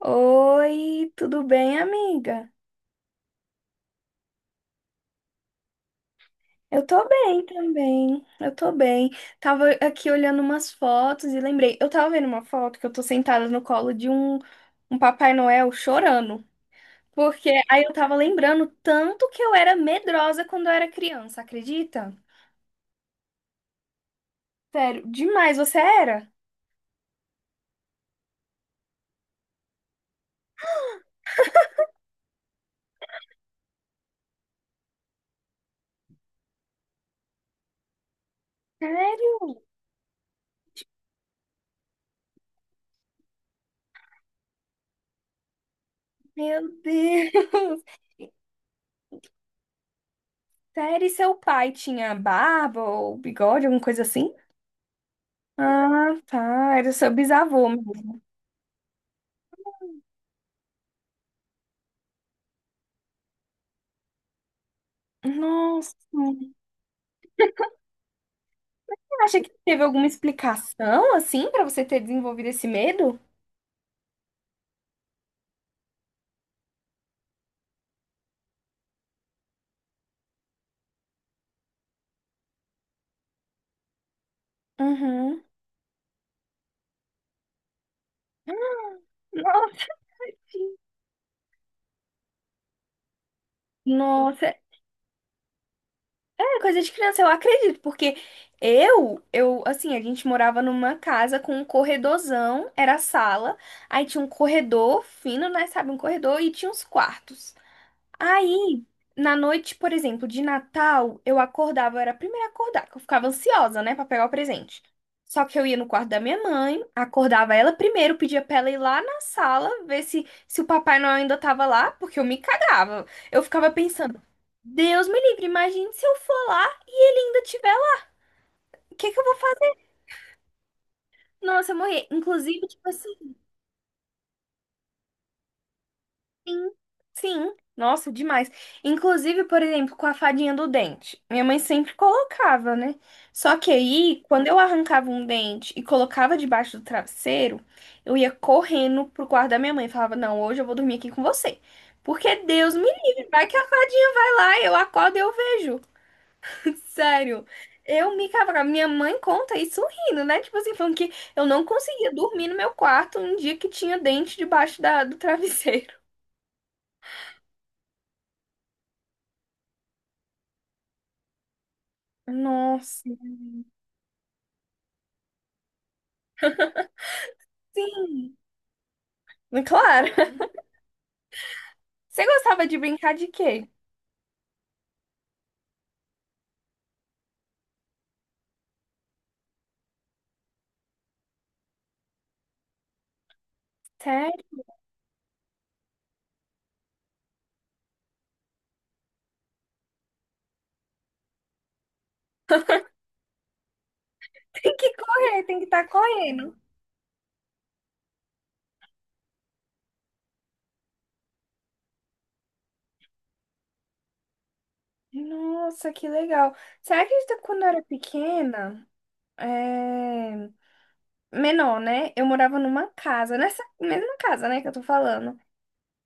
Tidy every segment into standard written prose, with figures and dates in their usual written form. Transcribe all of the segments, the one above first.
Oi, tudo bem, amiga? Eu tô bem também. Eu tô bem. Tava aqui olhando umas fotos e lembrei. Eu tava vendo uma foto que eu tô sentada no colo de um Papai Noel chorando. Porque aí eu tava lembrando tanto que eu era medrosa quando eu era criança, acredita? Sério, demais, você era? Sério? Meu Deus. Sério, e seu pai tinha barba ou bigode, alguma coisa assim? Ah, tá. Era seu bisavô. Nossa. Você acha que teve alguma explicação, assim, pra você ter desenvolvido esse medo? Uhum. Nossa. Nossa, é coisa de criança, eu acredito, porque eu, assim, a gente morava numa casa com um corredorzão, era a sala, aí tinha um corredor fino, né, sabe, um corredor e tinha uns quartos. Aí, na noite, por exemplo, de Natal, eu acordava, eu era a primeira a acordar, que eu ficava ansiosa, né, pra pegar o presente. Só que eu ia no quarto da minha mãe, acordava ela primeiro, pedia pra ela ir lá na sala, ver se o Papai Noel ainda tava lá, porque eu me cagava. Eu ficava pensando, Deus me livre, imagine se eu for lá, ele ainda tiver lá, o que que eu vou fazer? Nossa, eu morri. Inclusive, tipo assim. Sim, sim. Nossa, demais. Inclusive, por exemplo, com a fadinha do dente. Minha mãe sempre colocava, né? Só que aí, quando eu arrancava um dente e colocava debaixo do travesseiro, eu ia correndo pro quarto da minha mãe e falava: Não, hoje eu vou dormir aqui com você. Porque Deus me livre, vai que a fadinha vai lá, eu acordo e eu vejo. Sério. Eu me cavava. Minha mãe conta isso rindo, né? Tipo assim, falando que eu não conseguia dormir no meu quarto um dia que tinha dente debaixo da, do travesseiro. Nossa. Sim, claro. Você gostava de brincar de quê? Sério? Tem que correr, tem que estar correndo. Nossa, que legal. Será que isso quando eu era pequena, é, menor, né? Eu morava numa casa, nessa mesma casa, né, que eu tô falando.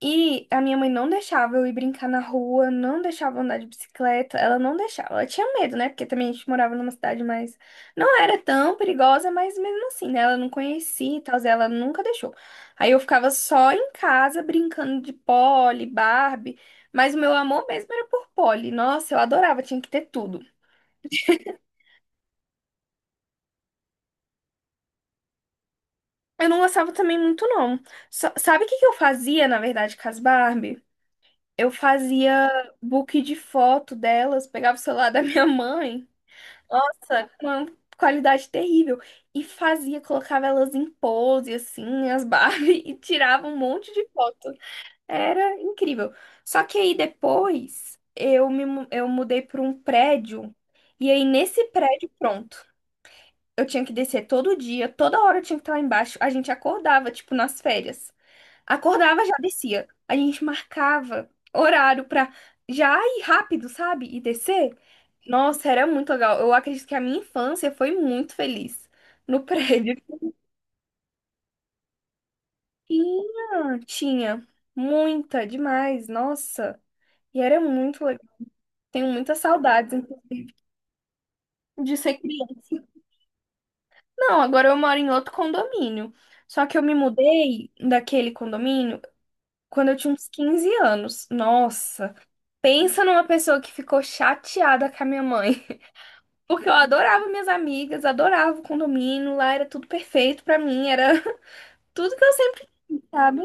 E a minha mãe não deixava eu ir brincar na rua, não deixava eu andar de bicicleta, ela não deixava. Ela tinha medo, né? Porque também a gente morava numa cidade mais. Não era tão perigosa, mas mesmo assim, né? Ela não conhecia e tal, ela nunca deixou. Aí eu ficava só em casa brincando de Polly, Barbie, mas o meu amor mesmo era por Polly. Nossa, eu adorava, tinha que ter tudo. Eu não gostava também muito, não. Só- Sabe o que que eu fazia, na verdade, com as Barbie? Eu fazia book de foto delas, pegava o celular da minha mãe. Nossa, com uma qualidade terrível. E fazia, colocava elas em pose, assim, as Barbie, e tirava um monte de foto. Era incrível. Só que aí depois eu eu mudei para um prédio, e aí nesse prédio, pronto. Eu tinha que descer todo dia, toda hora eu tinha que estar lá embaixo. A gente acordava, tipo, nas férias. Acordava, já descia. A gente marcava horário pra já ir rápido, sabe? E descer. Nossa, era muito legal. Eu acredito que a minha infância foi muito feliz no prédio. Tinha muita, demais, nossa. E era muito legal. Tenho muitas saudades de ser criança. Não, agora eu moro em outro condomínio. Só que eu me mudei daquele condomínio quando eu tinha uns 15 anos. Nossa, pensa numa pessoa que ficou chateada com a minha mãe. Porque eu adorava minhas amigas, adorava o condomínio, lá era tudo perfeito pra mim, era tudo que eu sempre quis, sabe?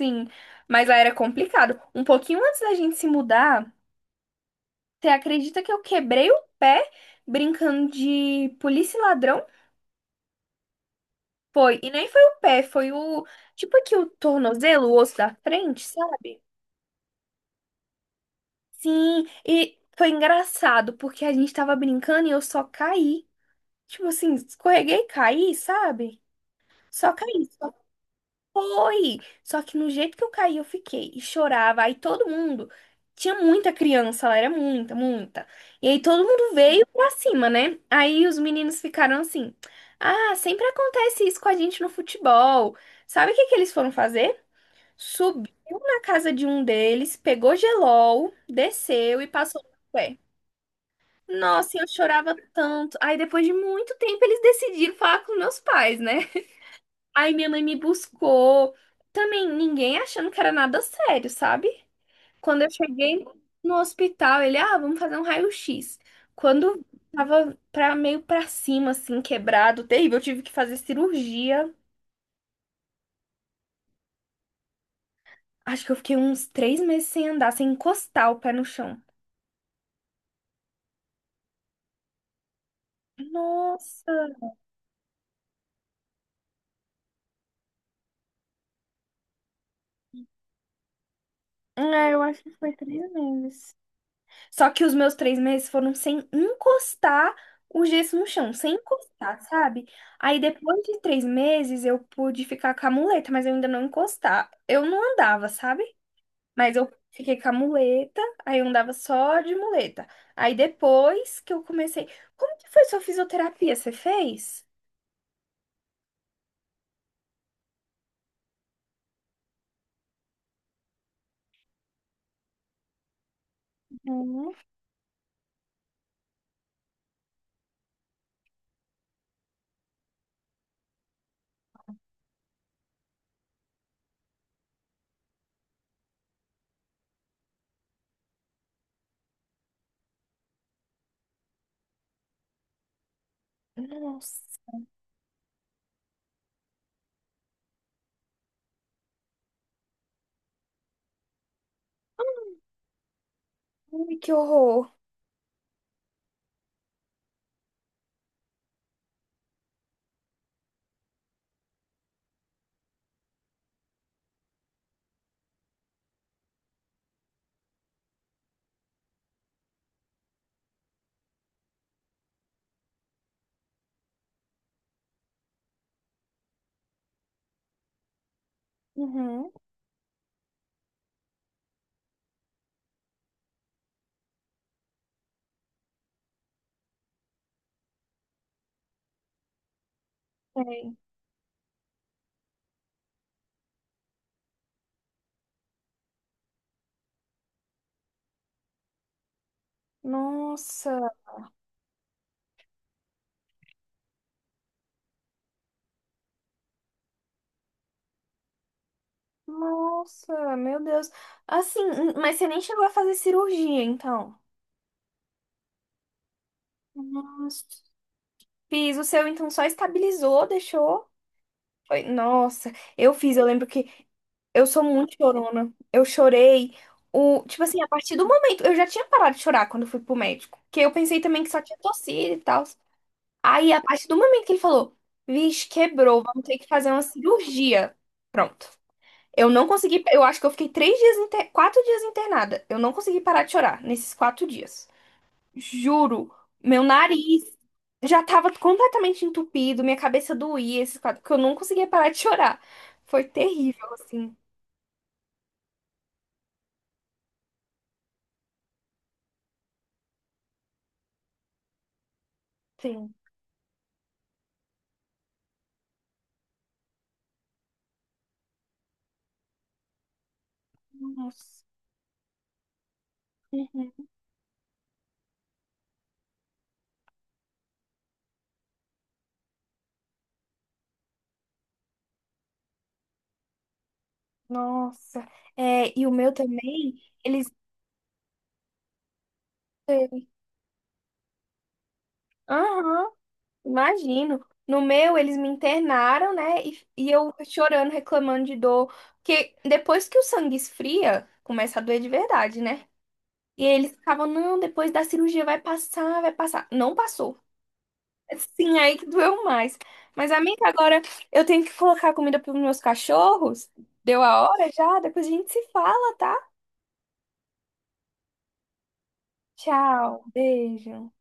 Sim, mas lá era complicado. Um pouquinho antes da gente se mudar, você acredita que eu quebrei o pé brincando de polícia e ladrão? Foi, e nem foi o pé, foi o, tipo aqui o tornozelo, o osso da frente, sabe? Sim, e foi engraçado, porque a gente tava brincando e eu só caí. Tipo assim, escorreguei e caí, sabe? Só caí. Foi! Só que no jeito que eu caí, eu fiquei e chorava. Aí todo mundo. Tinha muita criança lá, era muita, muita. E aí todo mundo veio pra cima, né? Aí os meninos ficaram assim: Ah, sempre acontece isso com a gente no futebol. Sabe o que que eles foram fazer? Subiu na casa de um deles, pegou gelol, desceu e passou no pé. Nossa, eu chorava tanto. Aí depois de muito tempo eles decidiram falar com meus pais, né? Aí minha mãe me buscou. Também ninguém achando que era nada sério, sabe? Quando eu cheguei no hospital, ele, ah, vamos fazer um raio-x. Quando tava pra, meio pra cima, assim, quebrado, terrível, eu tive que fazer cirurgia. Acho que eu fiquei uns 3 meses sem andar, sem encostar o pé no chão. Nossa! É, eu acho que foi 3 meses. Só que os meus 3 meses foram sem encostar o gesso no chão, sem encostar, sabe? Aí depois de 3 meses eu pude ficar com a muleta, mas eu ainda não encostar. Eu não andava, sabe? Mas eu fiquei com a muleta, aí eu andava só de muleta. Aí depois que eu comecei. Como que foi sua fisioterapia? Você fez? Uhum. Nossa, ai, que horror. Uhum. Sei. Nossa. Nossa, meu Deus. Assim, mas você nem chegou a fazer cirurgia, então. Nossa. Fiz o seu, então só estabilizou, deixou. Foi- Nossa, eu fiz, eu lembro que eu sou muito chorona. Eu chorei. O, tipo assim, a partir do momento, eu já tinha parado de chorar quando eu fui pro médico. Porque eu pensei também que só tinha tossido e tal. Aí, a partir do momento que ele falou, vixe, quebrou, vamos ter que fazer uma cirurgia. Pronto. Eu não consegui. Eu acho que eu fiquei 4 dias internada. Eu não consegui parar de chorar nesses 4 dias. Juro, meu nariz já tava completamente entupido, minha cabeça doía, esses quatro, porque eu não conseguia parar de chorar. Foi terrível, assim. Sim. Nossa. Uhum. Nossa. E o meu também, eles. Aham. Imagino. No meu, eles me internaram, né? E eu chorando, reclamando de dor. Porque depois que o sangue esfria, começa a doer de verdade, né? E eles ficavam, não, depois da cirurgia vai passar, vai passar. Não passou. Sim, aí que doeu mais. Mas, amiga, agora eu tenho que colocar comida para os meus cachorros. Deu a hora já? Depois a gente se fala, tá? Tchau, beijo.